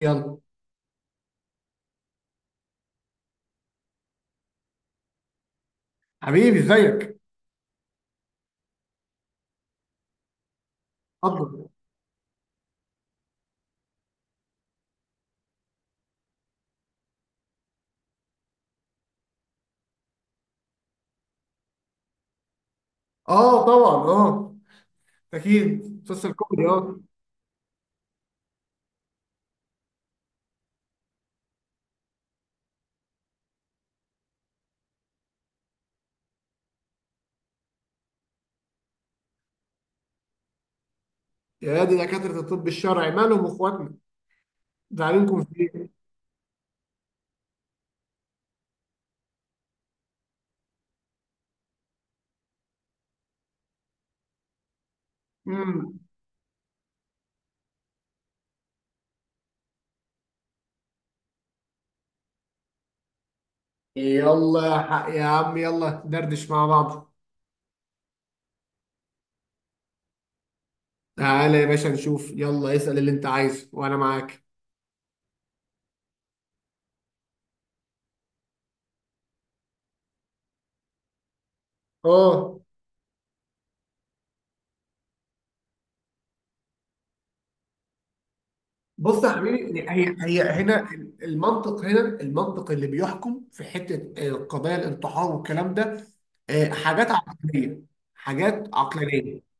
يلا حبيبي، ازيك؟ اتفضل. اه، طبعا، اه. اكيد مسلسل كوميدي، اه. يا دي دكاتره الطب الشرعي، مالهم اخواتنا؟ زعلانكم في ايه؟ امم يلا يا حق يا عم، يلا دردش مع بعض. تعالى يا باشا نشوف، يلا اسال اللي انت عايزه وانا معاك. اه، بص يا حبيبي، هي هي هنا. المنطق هنا، المنطق اللي بيحكم في حته قضايا الانتحار والكلام ده، حاجات عقلانيه. حاجات عقلانيه.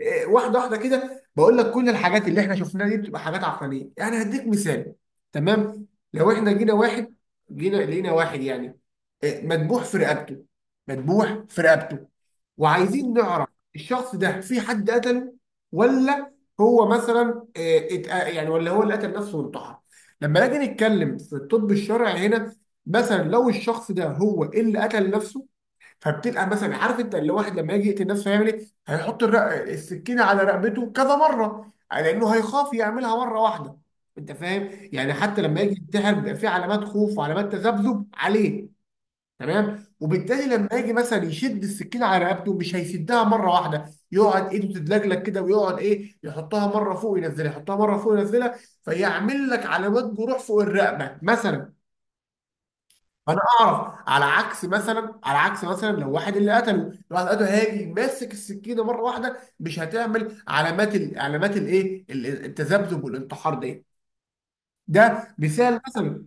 واحده واحده كده، بقول لك كل الحاجات اللي احنا شفناها دي بتبقى حاجات عقلانيه. يعني هديك مثال. تمام. لو احنا جينا واحد، جينا لقينا واحد يعني، إيه، مذبوح في رقبته مذبوح في رقبته، وعايزين نعرف الشخص ده في حد قتله، ولا هو مثلا يعني ولا هو اللي قتل نفسه وانتحر؟ لما نيجي نتكلم في الطب الشرعي هنا، مثلا لو الشخص ده هو اللي قتل نفسه، فبتبقى مثلا عارف، انت اللي واحد لما يجي يقتل نفسه هيعمل ايه؟ هيحط السكينه على رقبته كذا مره، لانه هيخاف يعملها مره واحده. انت فاهم؟ يعني حتى لما يجي ينتحر، بيبقى في علامات خوف وعلامات تذبذب عليه. تمام؟ وبالتالي لما يجي مثلا يشد السكينه على رقبته، مش هيشدها مره واحده. يقعد ايده تتلجلج كده، ويقعد يحطها مره فوق ينزلها، يحطها مره فوق ينزلها. فيعمل لك علامات جروح فوق الرقبه مثلا. فانا اعرف، على عكس مثلا، لو واحد اللي قتله، لو واحد قتله، هاجي ماسك السكينه مره واحده، مش هتعمل علامات ال... علامات الايه ال- التذبذب والانتحار دي. ده مثال مثلا.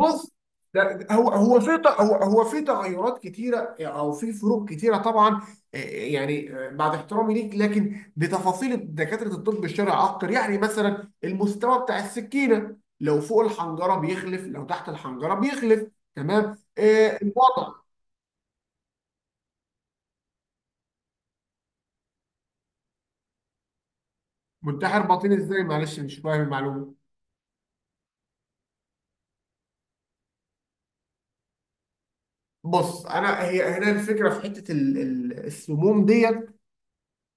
بص، هو هو في تغيرات كتيره، او في فروق كتيره طبعا. يعني، بعد احترامي ليك، لكن بتفاصيل دكاتره الطب الشرعي اكتر. يعني مثلا المستوى بتاع السكينه، لو فوق الحنجره بيخلف، لو تحت الحنجره بيخلف. تمام. الوضع. منتحر باطني ازاي؟ معلش، مش فاهم المعلومه. بص، انا هي هنا الفكره في حته السموم ديت،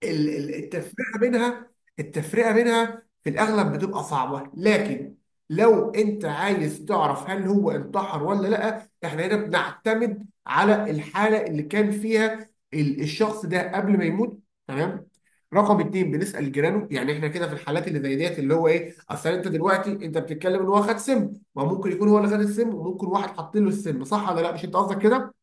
التفرقه بينها. التفرقه بينها في الاغلب بتبقى صعبه، لكن لو انت عايز تعرف هل هو انتحر ولا لا، احنا هنا بنعتمد على الحاله اللي كان فيها الشخص ده قبل ما يموت. تمام. رقم اتنين، بنسال جيرانه. يعني احنا كده في الحالات اللي زي ديت اللي هو ايه، اصل انت دلوقتي انت بتتكلم ان هو خد سم. ما ممكن يكون هو اللي خد السم، وممكن واحد حاطين له السم، صح ولا لا؟ مش انت قصدك كده؟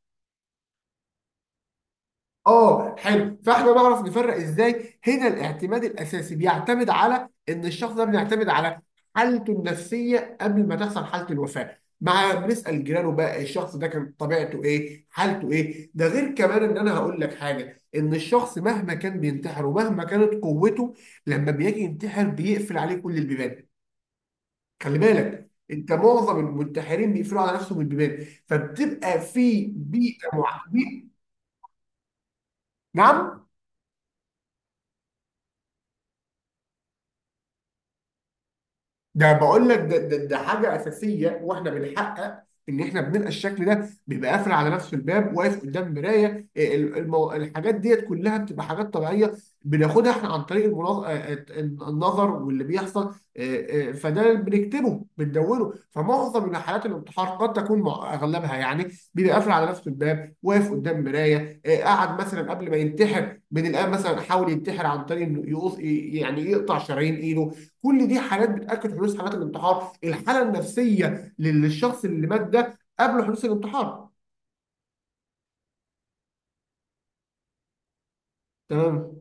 اه، حلو، فاحنا نعرف نفرق ازاي. هنا الاعتماد الاساسي بيعتمد على ان الشخص ده، بيعتمد على حالته النفسيه قبل ما تحصل حاله الوفاه. مع بنسال جيرانه بقى الشخص ده كان طبيعته ايه، حالته ايه؟ ده غير كمان ان انا هقول لك حاجه، ان الشخص مهما كان بينتحر، ومهما كانت قوته، لما بيجي ينتحر بيقفل عليه كل البيبان. خلي بالك انت، معظم المنتحرين بيقفلوا على نفسهم البيبان، فبتبقى في بيئه. نعم. ده بقول لك، ده حاجه اساسيه، واحنا بنحقق ان احنا بنلقى الشكل ده بيبقى قافل على نفسه الباب، واقف قدام مرايه. الحاجات ديت كلها بتبقى حاجات طبيعيه. بناخدها احنا عن طريق النظر، واللي بيحصل فده بنكتبه بندونه. فمعظم من حالات الانتحار قد تكون مع اغلبها، يعني بيبقى قافل على نفسه الباب، واقف قدام مرايه. قعد مثلا قبل ما ينتحر من الان، مثلا حاول ينتحر عن طريق انه يقص، يعني يقطع شرايين ايده. كل دي حالات بتاكد حدوث حالات الانتحار، الحاله النفسيه للشخص اللي مات ده قبل حدوث الانتحار. تمام.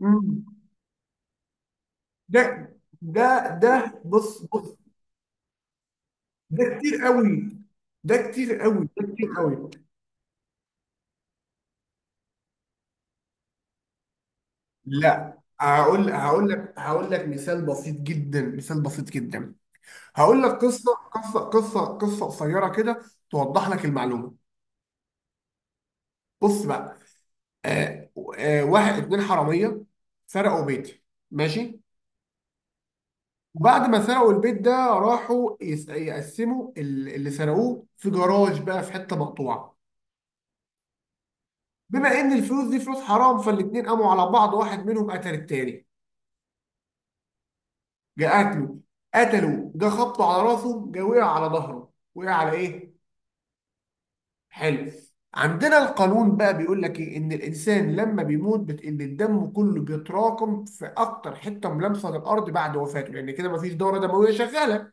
مم. ده ده ده بص بص، ده كتير قوي، ده كتير قوي، ده كتير قوي. لا، هقول لك مثال بسيط جدا، مثال بسيط جدا. هقول لك قصه قصيره كده، توضح لك المعلومه. بص بقى. آه واحد اتنين حراميه سرقوا بيتي، ماشي. وبعد ما سرقوا البيت ده، راحوا يقسموا اللي سرقوه في جراج بقى، في حته مقطوعه. بما ان الفلوس دي فلوس حرام، فالاتنين قاموا على بعض، واحد منهم قتل التاني. جه قتله. قتله، جه خبطه على راسه، جه وقع على ظهره، وقع على ايه؟ حلف عندنا القانون بقى بيقول لك ايه، ان الانسان لما بيموت ان الدم كله بيتراكم في اكتر حته ملامسه للارض بعد وفاته، لان كده مفيش دوره دمويه شغاله.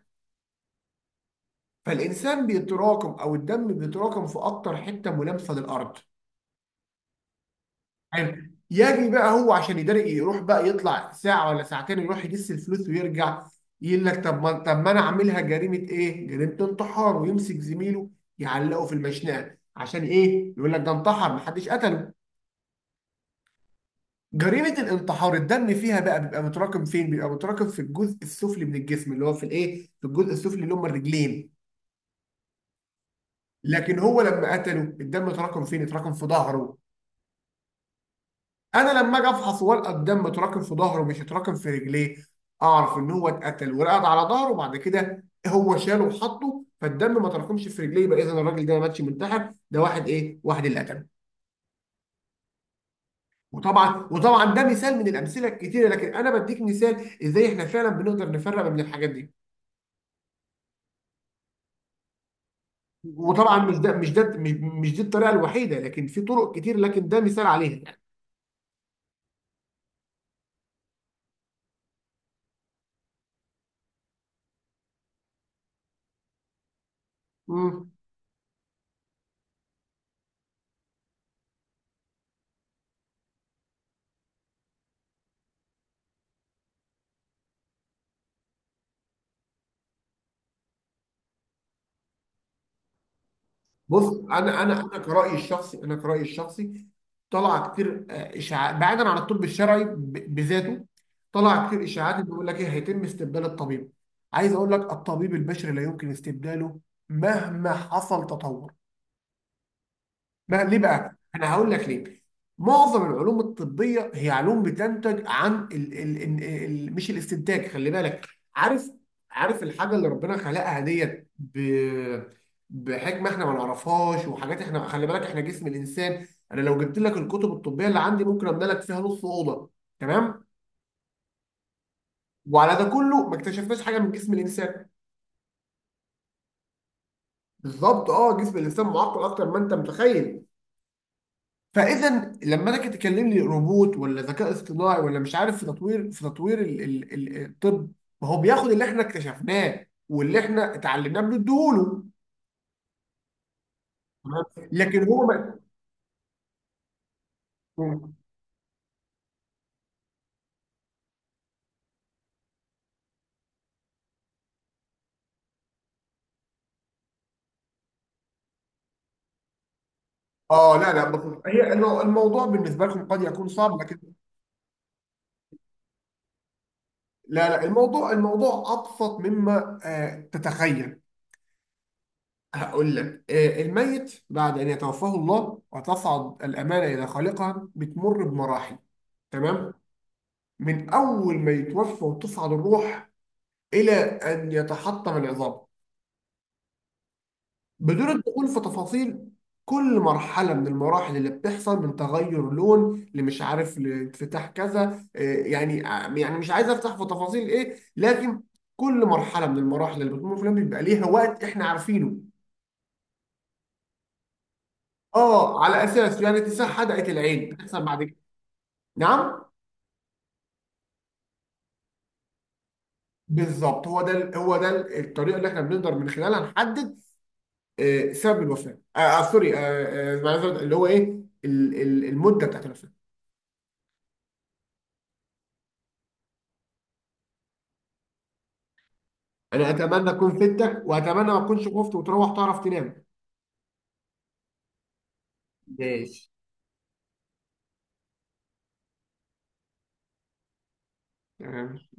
فالانسان بيتراكم، او الدم بيتراكم في اكتر حته ملامسه للارض. حلو. يجي بقى هو عشان يداري، يروح بقى يطلع ساعه ولا ساعتين، يروح يجس الفلوس ويرجع. يقول لك، طب ما انا عاملها جريمه ايه؟ جريمه انتحار، ويمسك زميله يعلقه في المشنقه عشان ايه؟ يقول لك ده انتحر، محدش قتله. جريمه الانتحار الدم فيها بقى بيبقى متراكم فين؟ بيبقى متراكم في الجزء السفلي من الجسم، اللي هو في الايه؟ في الجزء السفلي اللي هم الرجلين. لكن هو لما قتله، الدم اتراكم فين؟ اتراكم في ظهره. انا لما اجي افحص ورقه، الدم اتراكم في ظهره، مش اتراكم في رجليه. اعرف ان هو اتقتل ورقد على ظهره، وبعد كده هو شاله وحطه، فالدم ما تراكمش في رجليه. يبقى اذا الراجل ده ما ماتش منتحر، ده واحد واحد اللي قتله. وطبعا ده مثال من الامثله الكتيره، لكن انا بديك مثال ازاي احنا فعلا بنقدر نفرق بين الحاجات دي. وطبعا مش ده مش ده مش, مش دي الطريقه الوحيده، لكن في طرق كتير، لكن ده مثال عليها يعني. مم. بص، انا كرايي الشخصي. طلع كتير اشاعات بعيدا عن الطب الشرعي بذاته. طلع كتير اشاعات بيقول لك ايه، هيتم استبدال الطبيب. عايز اقول لك، الطبيب البشري لا يمكن استبداله مهما حصل تطور. بقى ليه بقى؟ انا هقول لك ليه. معظم العلوم الطبيه هي علوم بتنتج عن ال ال ال ال مش الاستنتاج، خلي بالك. عارف عارف الحاجه اللي ربنا خلقها ديت بحكمه، احنا ما نعرفهاش. وحاجات، احنا خلي بالك احنا جسم الانسان، انا لو جبت لك الكتب الطبيه اللي عندي ممكن املى لك فيها نص اوضه. تمام؟ وعلى ده كله ما اكتشفناش حاجه من جسم الانسان. بالظبط، اه، جسم الانسان معقد اكتر ما انت متخيل. فاذا لما انا كنت تكلم لي روبوت ولا ذكاء اصطناعي ولا مش عارف، في تطوير ال ال ال الطب، ما هو بياخد اللي احنا اكتشفناه واللي احنا اتعلمناه بنديهوله. تمام؟ لكن هو ما... اه، لا لا، بص هي الموضوع بالنسبه لكم قد يكون صعب، لكن لا لا، الموضوع ابسط مما تتخيل. هقول لك، الميت بعد ان يتوفاه الله وتصعد الامانه الى خالقها بتمر بمراحل. تمام. من أول ما يتوفى وتصعد الروح، إلى أن يتحطم العظام، بدون الدخول في تفاصيل. كل مرحلة من المراحل اللي بتحصل من تغير لون لمش عارف لانفتاح كذا، يعني، يعني مش عايز أفتح في تفاصيل، لكن كل مرحلة من المراحل اللي بتمر في اليوم بيبقى ليها وقت إحنا عارفينه. على أساس يعني اتساع حدقة العين بتحصل بعد كده. نعم. بالظبط، هو ده هو ده الطريقة اللي إحنا بنقدر من خلالها نحدد سبب الوفاه. سوري، أنا عايز أقول اللي هو ايه، المده بتاعت الوفاه. انا اتمنى اكون فدتك، واتمنى ما اكونش خفت وتروح تعرف تنام. ماشي، تمام.